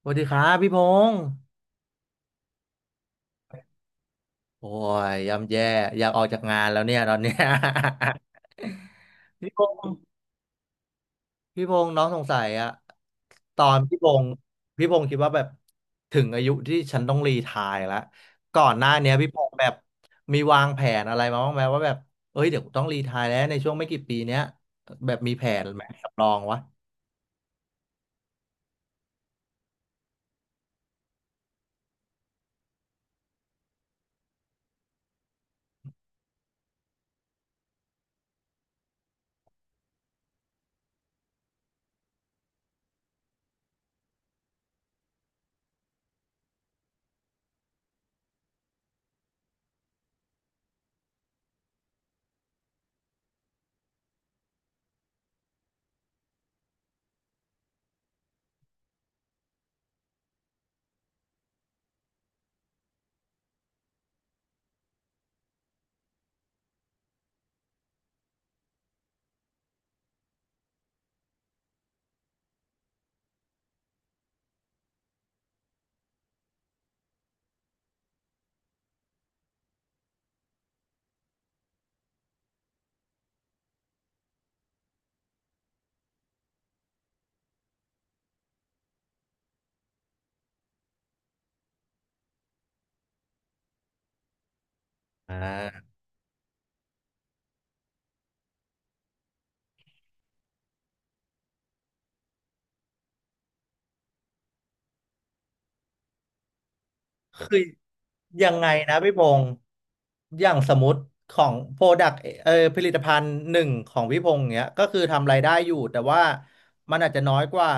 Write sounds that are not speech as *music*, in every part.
สวัสดีครับพี่พงษ์โอ้ยย่ำแย่อยากออกจากงานแล้วเนี่ยตอนเนี้ย *laughs* พี่พงษ์น้องสงสัยอะตอนพี่พงษ์พี่พงษ์คิดว่าแบบถึงอายุที่ฉันต้องรีไทร์แล้วก่อนหน้าเนี้ยพี่พงษ์แบบมีวางแผนอะไรมาบ้างไหมว่าแบบเอ้ยเดี๋ยวต้องรีไทร์แล้วในช่วงไม่กี่ปีเนี้ยแบบมีแผนไหมสำรองวะอ่า คือยังไงนะพี่พงษ์อย่างสมมติของโปรดักเออผลิตภัณฑ์หนึ่งของพี่พงษ์เนี้ยก็คือทำรายได้อยู่แต่ว่ามันอาจจะน้อยกว่า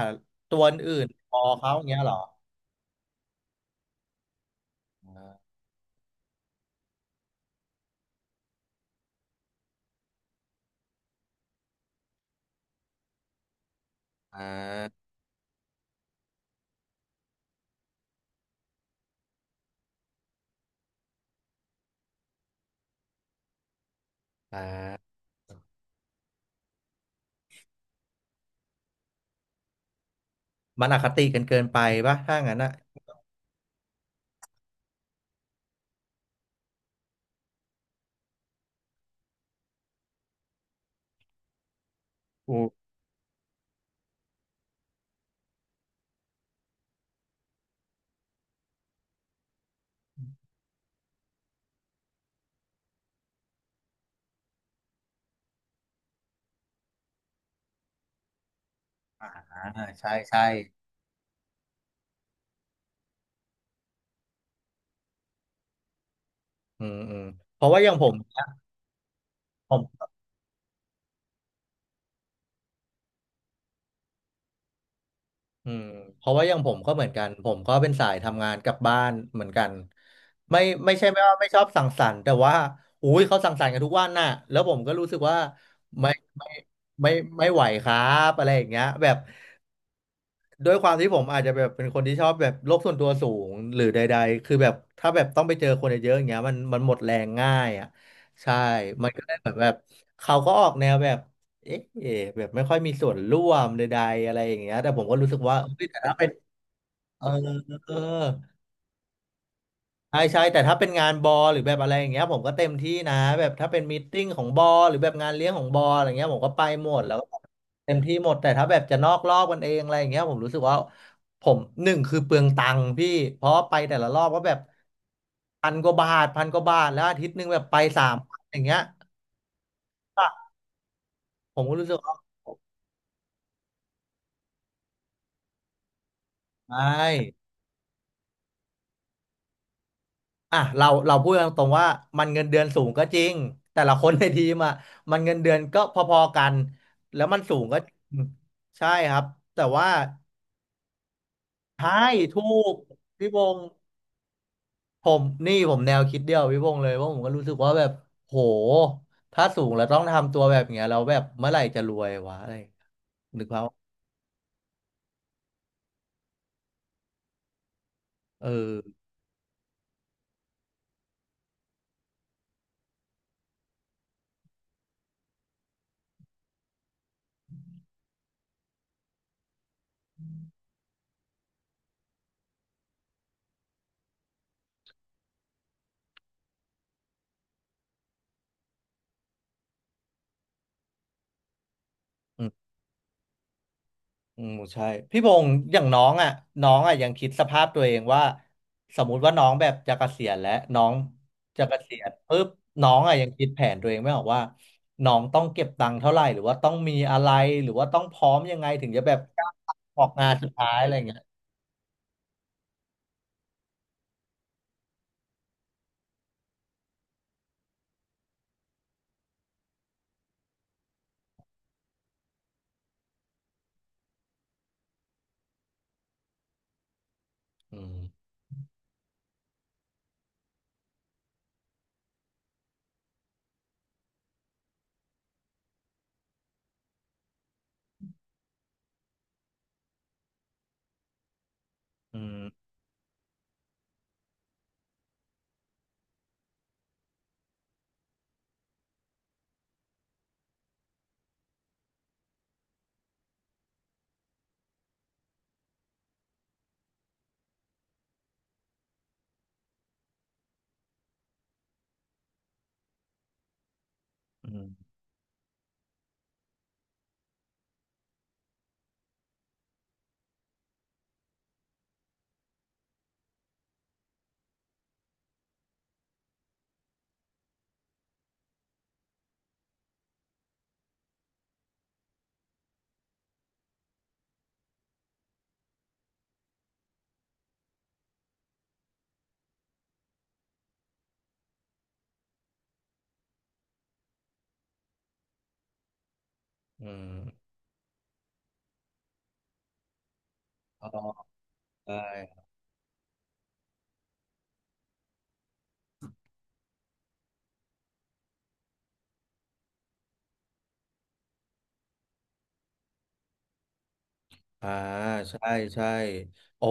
ตัวอื่นพอเขาอย่างเงี้ยเหรออ่าอ่ามันอคติกันเกินไปปะถ้างั้นอ่ะอืมอ่าใช่ใช่อืมอืมเพราะว่าอย่างผมเนี่ยผม อืมเพราะว่าอย่างผมก็เหมือนกันผมก็เป็นสายทำงานกลับบ้านเหมือนกันไม่ไม่ใช่ไม่ว่าไม่ชอบสังสรรค์แต่ว่าอุ้ยเขาสังสรรค์กันทุกวันน่ะแล้วผมก็รู้สึกว่าไม่ไม่ไม่ไม่ไหวครับอะไรอย่างเงี้ยแบบด้วยความที่ผมอาจจะแบบเป็นคนที่ชอบแบบโลกส่วนตัวสูงหรือใดๆคือแบบถ้าแบบต้องไปเจอคนเยอะๆอย่างเงี้ยมันหมดแรงง่ายอ่ะใช่มันก็เลยแบบเขาก็ออกแนวแบบเอ๊ะแบบไม่ค่อยมีส่วนร่วมใดๆอะไรอย่างเงี้ยแต่ผมก็รู้สึกว่าเอ้ยแต่ถ้าเป็น เออเออใช่ใช่แต่ถ้าเป็นงานบอหรือแบบอะไรอย่างเงี้ยผมก็เต็มที่นะแบบถ้าเป็นมีตติ้งของบอหรือแบบงานเลี้ยงของบออะไรเงี้ยผมก็ไปหมดแล้วก็เต็มที่หมดแต่ถ้าแบบจะนอกรอบกันเองอะไรอย่างเงี้ยผมรู้สึกว่าผมหนึ่งคือเปลืองตังค์พี่เพราะไปแต่ละรอบก็แบบพันกว่าบาทพันกว่าบาทแล้วอาทิตย์หนึ่งแบบไปสามวันอย่างเงี้ยผมก็รู้สึกว่าไม่ อ่ะเราพูดกันตรงๆว่ามันเงินเดือนสูงก็จริงแต่ละคนในทีมอ่ะมันเงินเดือนก็พอๆกันแล้วมันสูงก็จริงใช่ครับแต่ว่าใช่ถูกพี่วงศ์ผมนี่ผมแนวคิดเดียวพี่วงศ์เลยว่าผมก็รู้สึกว่าแบบโหถ้าสูงแล้วต้องทำตัวแบบเนี้ยเราแล้วแบบเมื่อไหร่จะรวยวะอะไรอย่างเงี้ยนึกภาพออกเออ อืมใช่พี่พงศ์อย่างน้องอ่ะน้องอ่ะยังคิดสภาพตัวเองว่าสมมุติว่าน้องแบบจะเกษียณแล้วน้องจะเกษียณปุ๊บน้องอ่ะยังคิดแผนตัวเองไม่ออกว่าน้องต้องเก็บตังค์เท่าไหร่หรือว่าต้องมีอะไรหรือว่าต้องพร้อมยังไงถึงจะแบบออกงานสุดท้ายอะไรอย่างเงี้ยอืมอืมอืมอืมอ๋อใช่ อ่าใช่ใช่โอ้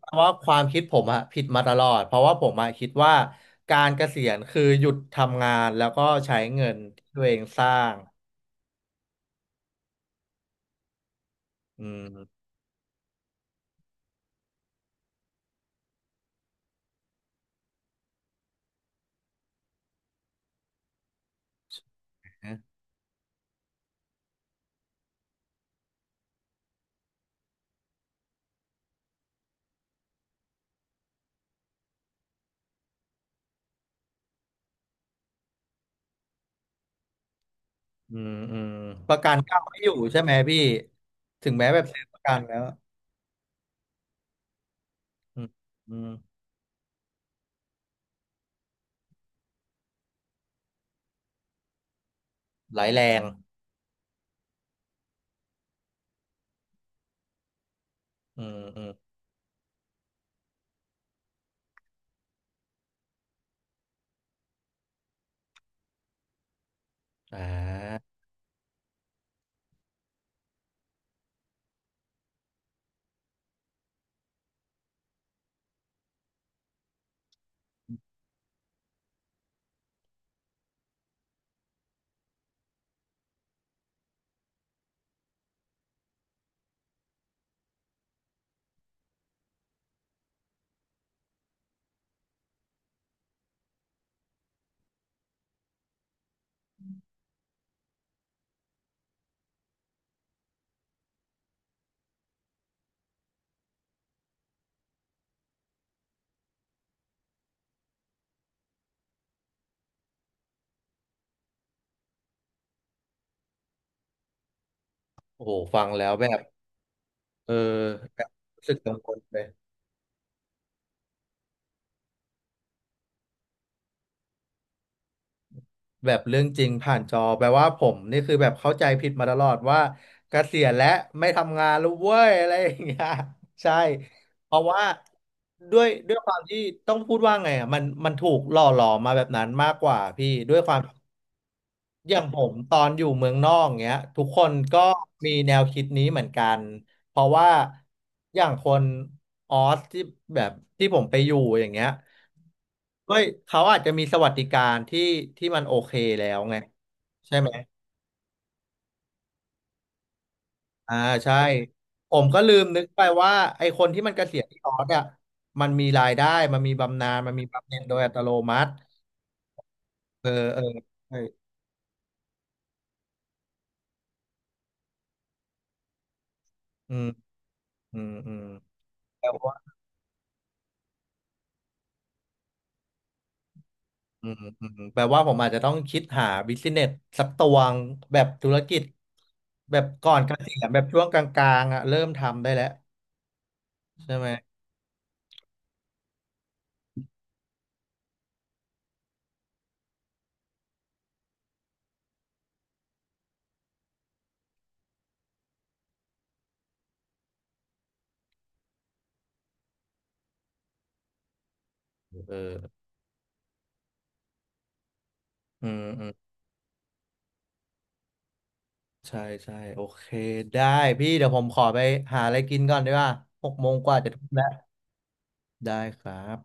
แปลว่าความคิดผมอะผิดมาตลอดเพราะว่าผมอะคิดว่าการเกษียณคือหยุดทำงานแล้วก็ใช้เงินที่ตัวเองสร้างอืมะอืมอืมประกันก็ไม่อยู่ใช่ไหมพี่ถึงแม้แบบซื้อประกันแล้วอืมอืมหลายแรงอืมอืมอ่าโอ้โหฟังแล้วแบบเออแบบรู้สึกกังวลเลย แบบเรื่องจริงผ่านจอแปลว่าผมนี่คือแบบเข้าใจผิดมาตลอดว่าเกษียณและไม่ทำงานแล้วเว้ยอะไรอย่างเงี้ย *laughs* ใช่เพราะว่าด้วยความที่ต้องพูดว่าไงอ่ะมันถูกหล่อหลอมมาแบบนั้นมากกว่าพี่ด้วยความ อย่างผมตอนอยู่เมืองนอกเงี้ยทุกคนก็มีแนวคิดนี้เหมือนกันเพราะว่าอย่างคนออสที่แบบที่ผมไปอยู่อย่างเงี้ยก็เขาอาจจะมีสวัสดิการที่ที่มันโอเคแล้วไงใช่ไหมอ่าใช่ผมก็ลืมนึกไปว่าไอ้คนที่มันเกษียณที่ออสอ่ะมันมีรายได้มันมีบำนาญมันมีบำเหน็จโดยอัตโนมัติเออเออใช่อืมอืมอืม อืมอืมแปลว่าผมอาจจะต้องคิดหาบิสเนสสักตัวงแบบธุรกิจแบบก่อนเกษียณแบบช่วงกลางๆอ่ะเริ่มทำได้แล้วใช่ไหมเอออืมอืมใช่ใช่โอเคได้พี่เดี๋ยวผมขอไปหาอะไรกินก่อนดีกว่าหกโมงกว่าจะทุ่มแล้วได้ครับ